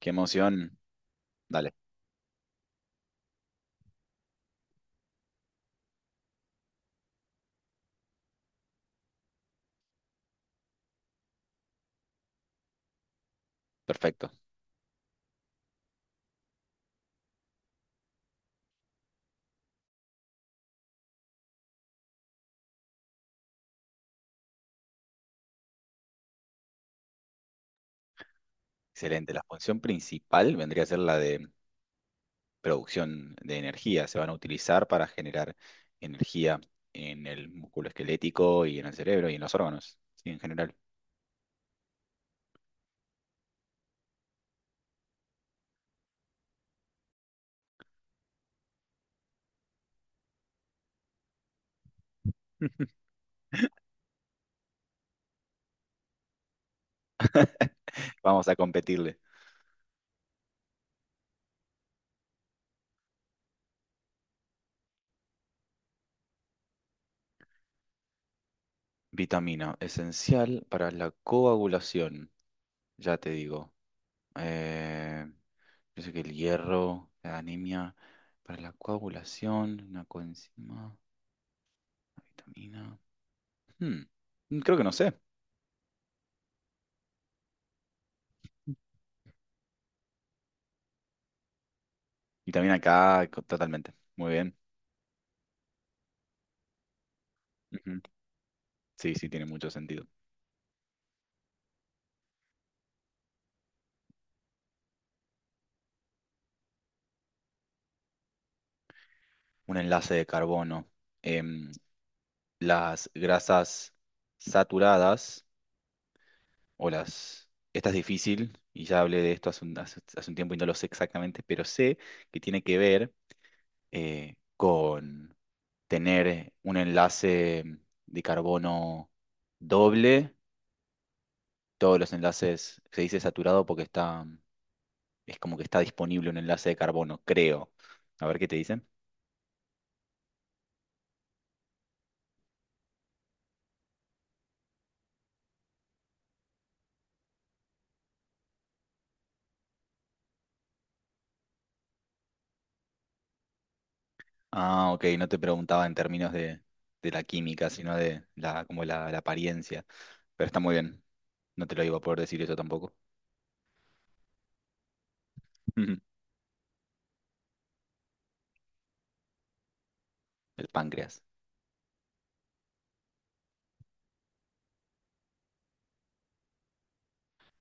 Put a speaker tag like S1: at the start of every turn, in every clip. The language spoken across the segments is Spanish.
S1: Qué emoción. Dale, perfecto. Excelente. La función principal vendría a ser la de producción de energía. Se van a utilizar para generar energía en el músculo esquelético y en el cerebro y en los órganos, sí, en general. Vamos a competirle. Vitamina, esencial para la coagulación. Ya te digo. Eh, yo sé que el hierro, la anemia, para la coagulación, una coenzima, una vitamina. Hmm, Creo que no sé. Y también acá, totalmente. Muy bien. Ujú. Sí, sí, tiene mucho sentido. Un enlace de carbono. Em, las grasas saturadas o las... Esta es difícil y ya hablé de esto hace un tiempo y no lo sé exactamente, pero sé que tiene que ver con tener un enlace de carbono doble. Todos los enlaces se dice saturado porque está... es como que está disponible un enlace de carbono, creo. A ver qué te dicen. Ah, ok, no te preguntaba en términos de la química, sino de la apariencia. Pero está muy bien. No te lo iba a poder decir eso tampoco. El páncreas.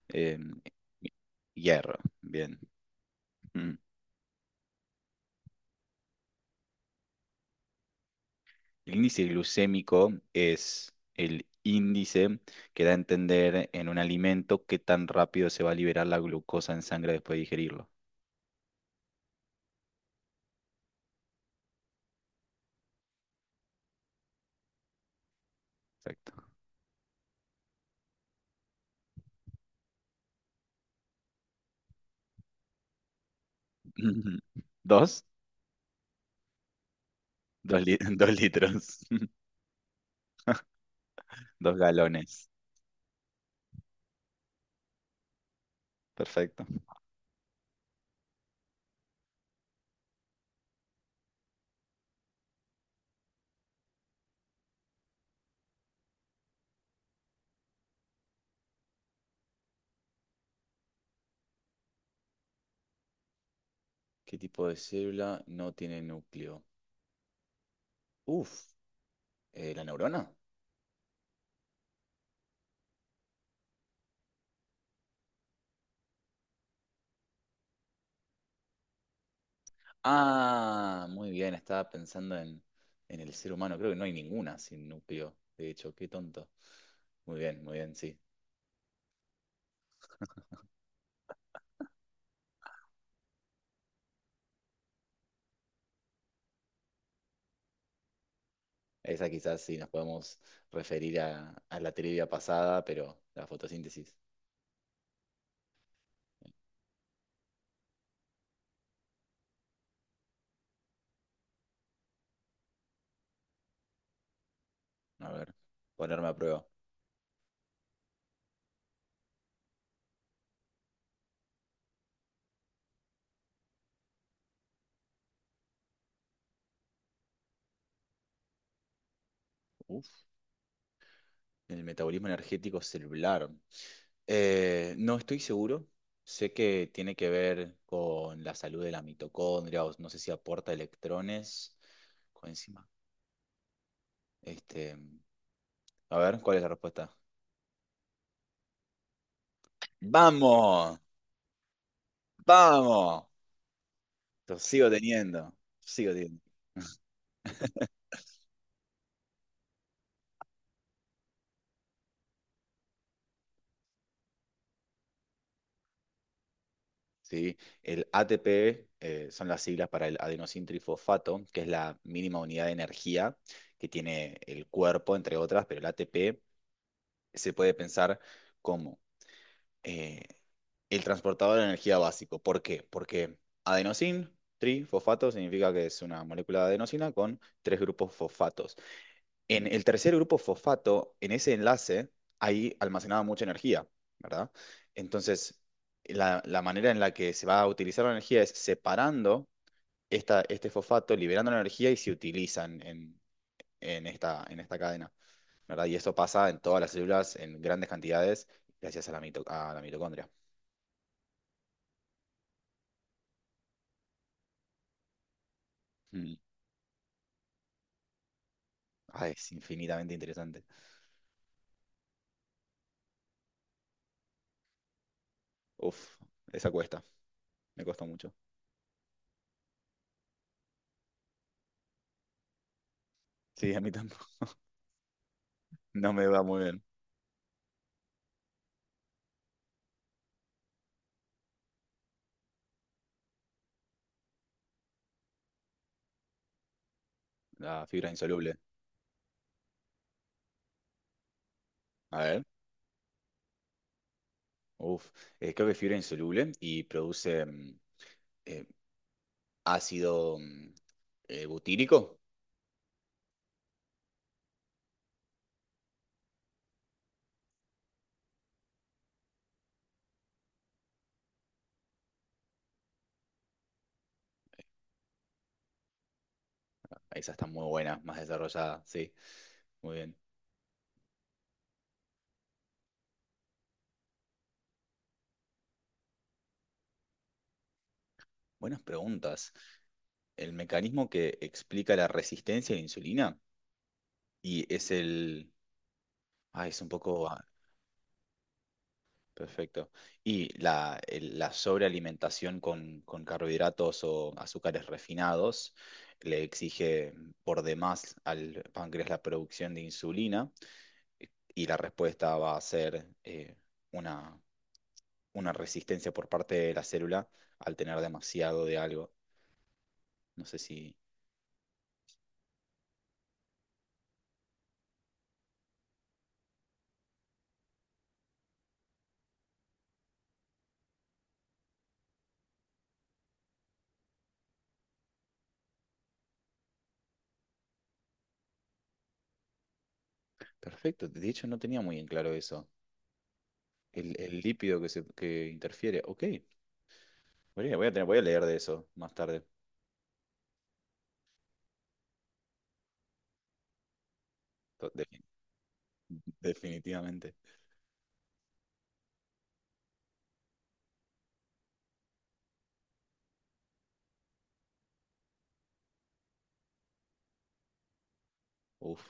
S1: Em, hierro, bien. Mm. El índice glucémico es el índice que da a entender en un alimento qué tan rápido se va a liberar la glucosa en sangre después de digerirlo. Exacto. Dos. Dos, dos litros, dos galones. Perfecto. ¿Qué tipo de célula no tiene núcleo? Uf, ¿la neurona? Ah, muy bien, estaba pensando en el ser humano. Creo que no hay ninguna sin núcleo, de hecho, qué tonto. Muy bien, sí. Esa quizás sí nos podemos referir a la trivia pasada, pero la fotosíntesis. A ver, ponerme a prueba. Uf. En el metabolismo energético celular. No estoy seguro. Sé que tiene que ver con la salud de la mitocondria, o no sé si aporta electrones, coenzima. Este, a ver, ¿cuál es la respuesta? ¡Vamos! ¡Vamos! Lo sigo teniendo. Sigo teniendo. Sí, el ATP son las siglas para el adenosín trifosfato, que es la mínima unidad de energía que tiene el cuerpo, entre otras, pero el ATP se puede pensar como eh, el transportador de energía básico. ¿Por qué? Porque adenosin, trifosfato, significa que es una molécula de adenosina con tres grupos fosfatos. En el tercer grupo fosfato, en ese enlace, hay almacenada mucha energía, ¿verdad? Entonces, la manera en la que se va a utilizar la energía es separando este fosfato, liberando la energía y se utilizan en esta cadena. ¿Verdad? Y esto pasa en todas las células en grandes cantidades gracias a a la mitocondria. Mm. Ah, es infinitamente interesante. Uf, esa cuesta, me costó mucho. Sí, a mí tampoco. No me va muy bien. La fibra insoluble. A ver, uf, creo que fibra insoluble y produce eh, ácido butírico. Esa está muy buena, más desarrollada, sí. Muy bien. Buenas preguntas. El mecanismo que explica la resistencia a la insulina y es el... Ah, es un poco... ah, perfecto. ¿Y la, la sobrealimentación con carbohidratos o azúcares refinados le exige por demás al páncreas la producción de insulina? Y la respuesta va a ser una, una resistencia por parte de la célula al tener demasiado de algo. No sé si... Perfecto. De hecho, no tenía muy en claro eso. El lípido que, se, que interfiere. Ok. Voy a leer de eso más tarde. to- de- definitivamente. Uf,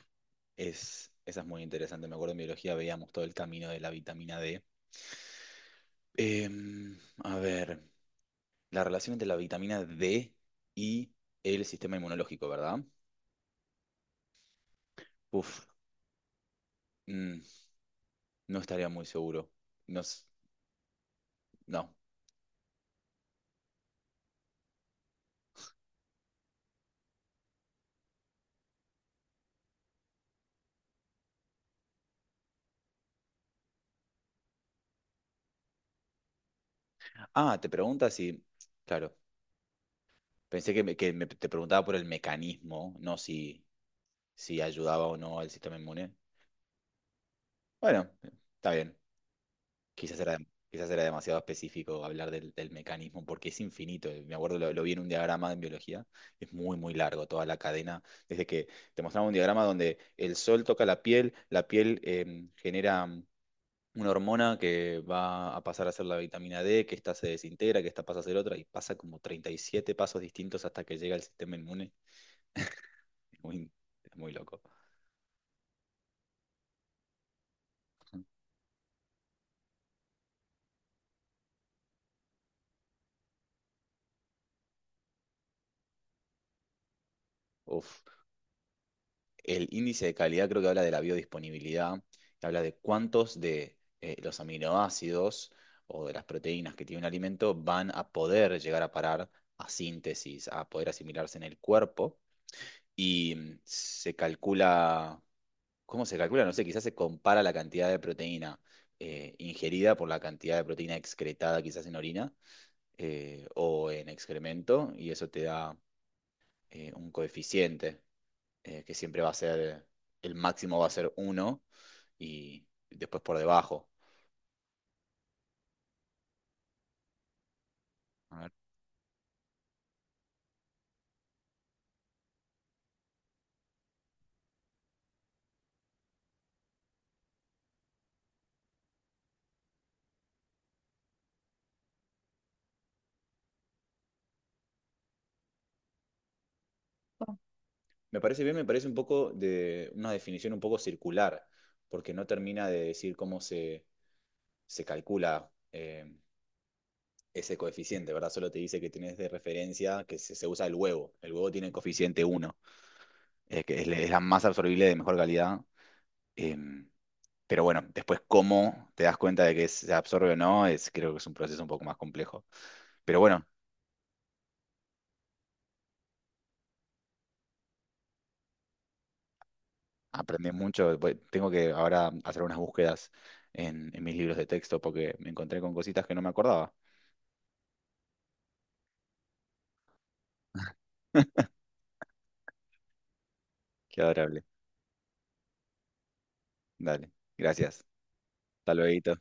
S1: es, esa es muy interesante. Me acuerdo en biología veíamos todo el camino de la vitamina D. Em, a ver, la relación entre la vitamina D y el sistema inmunológico, ¿verdad? Uf, mm, no estaría muy seguro. No, no. Ah, te preguntas si... Claro, pensé que, te preguntaba por el mecanismo, no si, si ayudaba o no al sistema inmune. Bueno, está bien. Quizás era demasiado específico hablar del mecanismo porque es infinito. Me acuerdo, lo vi en un diagrama en biología, es muy, muy largo toda la cadena. Desde que te mostraba un diagrama donde el sol toca la piel genera una hormona que va a pasar a ser la vitamina D, que esta se desintegra, que esta pasa a ser otra, y pasa como 37 pasos distintos hasta que llega al sistema inmune. Es muy, es muy loco. Uf. El índice de calidad creo que habla de la biodisponibilidad, que habla de cuántos de los aminoácidos o de las proteínas que tiene un alimento van a poder llegar a parar a síntesis, a poder asimilarse en el cuerpo. Y se calcula, ¿cómo se calcula? No sé, quizás se compara la cantidad de proteína ingerida por la cantidad de proteína excretada quizás en orina o en excremento, y eso te da un coeficiente que siempre va a ser, el máximo va a ser uno y después por debajo. A ver. Me parece bien, me parece un poco de una definición un poco circular, porque no termina de decir cómo se calcula ese coeficiente, ¿verdad? Solo te dice que tienes de referencia que se usa el huevo. El huevo tiene el coeficiente uno que es, es la más absorbible de mejor calidad. em, pero bueno, después cómo te das cuenta de que se absorbe o no, es, creo que es un proceso un poco más complejo. Pero bueno, aprendí mucho. Tengo que ahora hacer unas búsquedas en mis libros de texto porque me encontré con cositas que no me acordaba. Qué adorable. Dale. Gracias. Hasta luego.